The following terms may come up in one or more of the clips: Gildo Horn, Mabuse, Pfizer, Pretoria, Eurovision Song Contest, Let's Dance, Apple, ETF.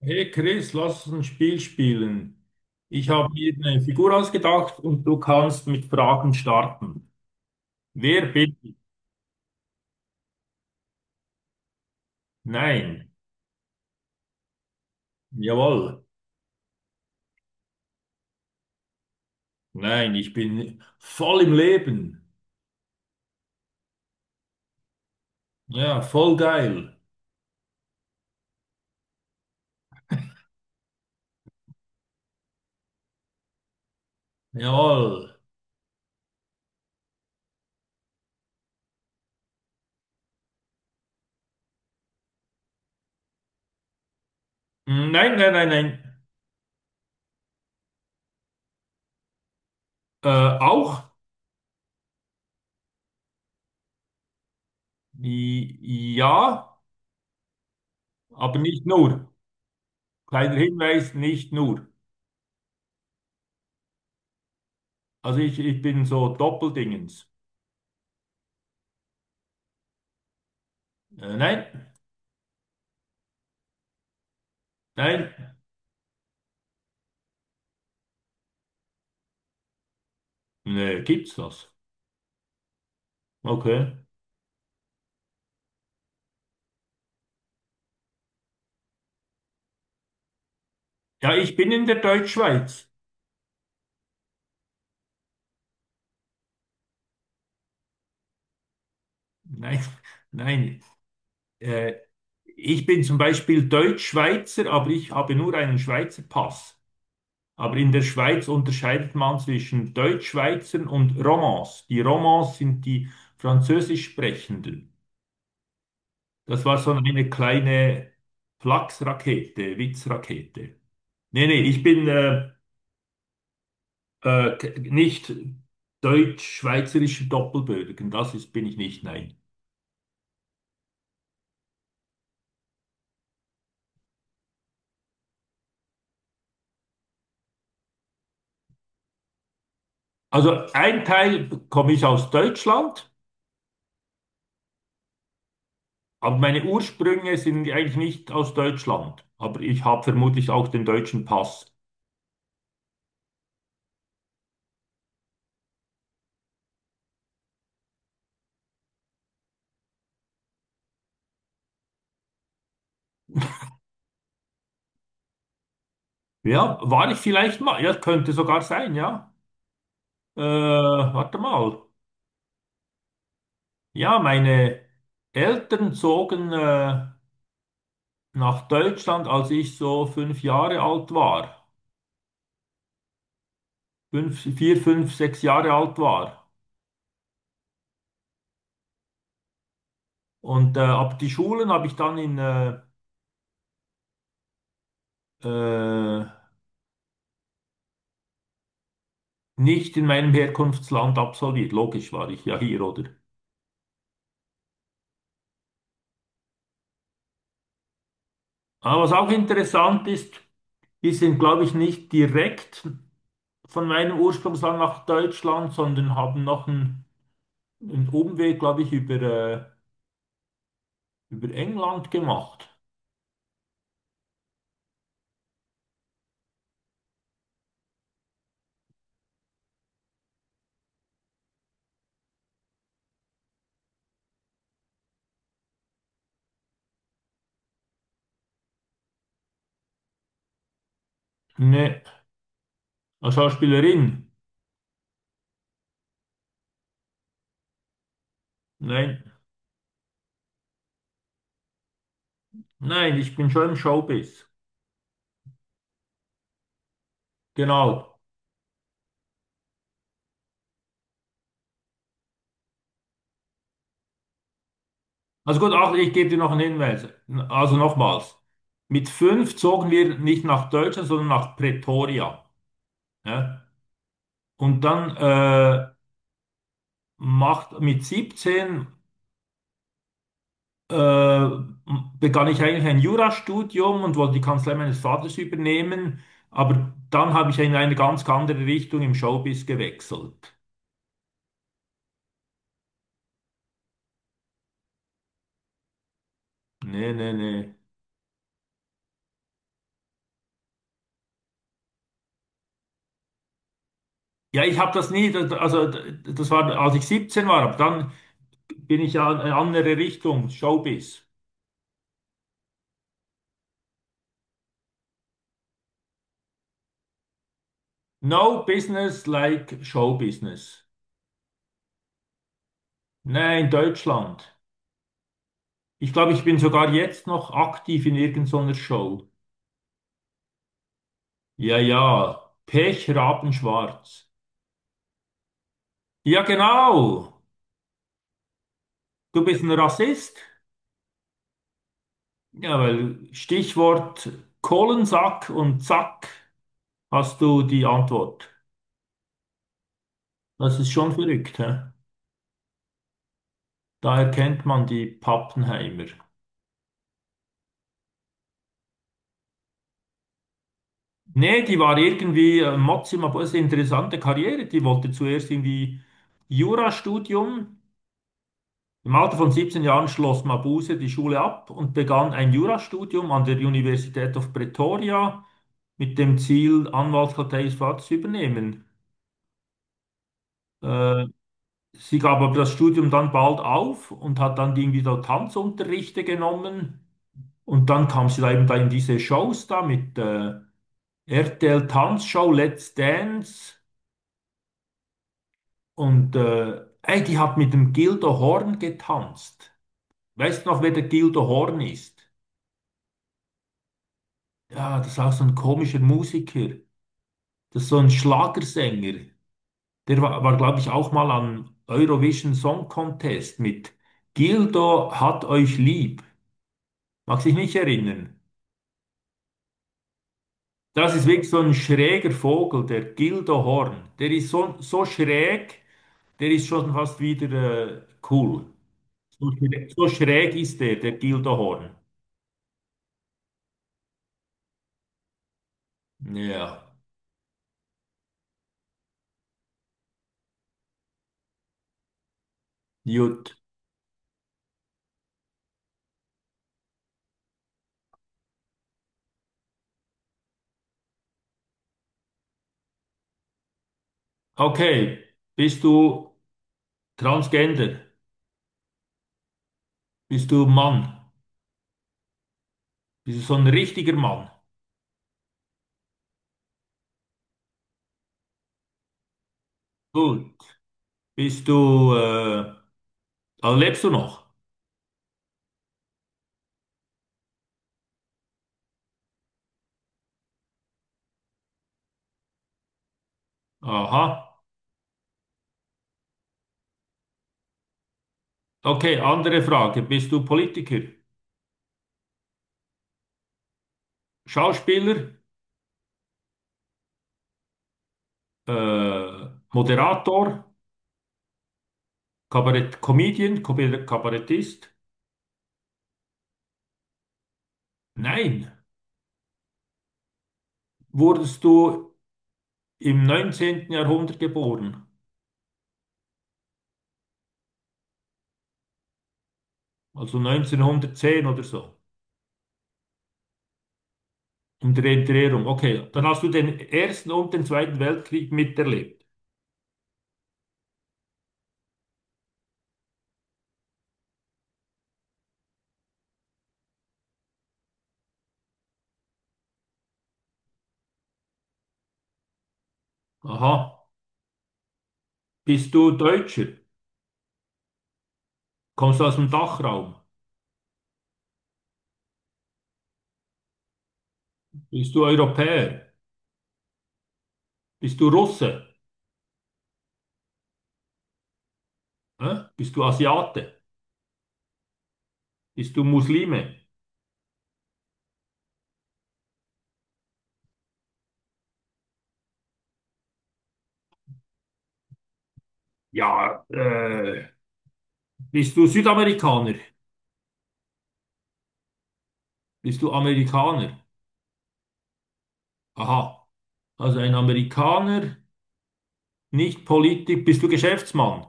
Hey Chris, lass uns ein Spiel spielen. Ich habe mir eine Figur ausgedacht und du kannst mit Fragen starten. Wer bin ich? Nein. Jawohl. Nein, ich bin voll im Leben. Ja, voll geil. Jawohl. Nein, nein, nein, nein. Äh, Auch? Ja, aber nicht nur. Kleiner Hinweis, nicht nur. Also ich bin so Doppeldingens. Nein, nein. Nee, gibt's das? Okay. Ja, ich bin in der Deutschschweiz. Nein, nein. Äh, Ich bin zum Beispiel Deutschschweizer, aber ich habe nur einen Schweizer Pass. Aber in der Schweiz unterscheidet man zwischen Deutschschweizern und Romans. Die Romans sind die Französisch Sprechenden. Das war so eine kleine Flachsrakete, Witzrakete. Nee, nee, ich bin nicht deutsch-schweizerischer Doppelbürger. Das ist, bin ich nicht, nein. Also ein Teil komme ich aus Deutschland, aber meine Ursprünge sind eigentlich nicht aus Deutschland. Aber ich habe vermutlich auch den deutschen Pass. Ja, war ich vielleicht mal? Ja, könnte sogar sein, ja. Warte mal. Ja, meine Eltern zogen nach Deutschland, als ich so 5 Jahre alt war. Fünf, vier, fünf, 6 Jahre alt war. Und ab die Schulen habe ich dann in äh, nicht in meinem Herkunftsland absolviert. Logisch war ich ja hier, oder? Aber was auch interessant ist, die sind, glaube ich, nicht direkt von meinem Ursprungsland nach Deutschland, sondern haben noch einen Umweg, glaube ich, über England gemacht. Ne, als Schauspielerin. Nein, nein, ich bin schon im Showbiz. Genau. Also gut, ach, ich gebe dir noch einen Hinweis. Also nochmals. Mit fünf zogen wir nicht nach Deutschland, sondern nach Pretoria. Ja? Und dann macht mit 17 äh, begann ich eigentlich ein Jurastudium und wollte die Kanzlei meines Vaters übernehmen, aber dann habe ich in eine ganz andere Richtung im Showbiz gewechselt. Nee, nee, nee. Ja, ich habe das nie, also das war, als ich 17 war, aber dann bin ich ja in eine andere Richtung, Showbiz. No business like Showbusiness. Nein, in Deutschland. Ich glaube, ich bin sogar jetzt noch aktiv in irgendeiner Show. Ja, ja. Pech, Rabenschwarz. Ja, genau. Du bist ein Rassist. Ja, weil Stichwort Kohlensack und Zack hast du die Antwort. Das ist schon verrückt, hä? Da erkennt man die Pappenheimer. Nee, die war irgendwie Mozima, aber es ist eine interessante Karriere. Die wollte zuerst irgendwie Jurastudium. Im Alter von 17 Jahren schloss Mabuse die Schule ab und begann ein Jurastudium an der Universität of Pretoria, mit dem Ziel, Anwaltskanzlei ihres Vaters zu übernehmen. Äh, Sie gab aber das Studium dann bald auf und hat dann irgendwie so Tanzunterrichte genommen. Und dann kam sie da eben da in diese Shows da mit RTL Tanzshow, Let's Dance und ey, die hat mit dem Gildo Horn getanzt. Weißt du noch, wer der Gildo Horn ist? Ja, das ist auch so ein komischer Musiker. Das ist so ein Schlagersänger. Der war, glaube ich, auch mal am Eurovision Song Contest mit Gildo hat euch lieb. Mag sich nicht erinnern. Das ist wirklich so ein schräger Vogel, der Gildo Horn. Der ist so, so schräg, der ist schon fast wieder cool. So schräg ist der Gildo Horn. Ja, gut. Okay, bist du Transgender? Bist du Mann? Bist du so ein richtiger Mann? Gut. Bist du, also lebst du noch? Aha. Okay, andere Frage. Bist du Politiker, Schauspieler, Moderator, Kabarett Comedian, Kabarettist? Nein. Wurdest du im 19. Jahrhundert geboren? Also 1910 oder so? Um die Drehung. Okay, dann hast du den Ersten und den Zweiten Weltkrieg miterlebt. Aha. Bist du Deutscher? Kommst du aus dem Dachraum? Bist du Europäer? Bist du Russe? Hä? Bist du Asiate? Bist du Muslime? Ja, bist du Südamerikaner? Bist du Amerikaner? Aha. Also ein Amerikaner, nicht Politik. Bist du Geschäftsmann?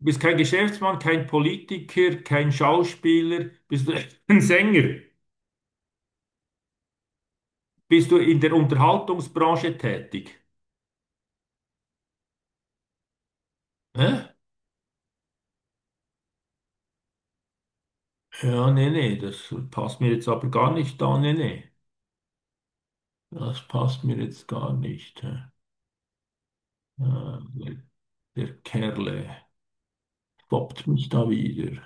Du bist kein Geschäftsmann, kein Politiker, kein Schauspieler. Bist du ein Sänger? Bist du in der Unterhaltungsbranche tätig? Hä? Ja, nee, nee, das passt mir jetzt aber gar nicht da. Nee, nee. Das passt mir jetzt gar nicht. Hä? Ah, Der Kerle stoppt mich da wieder.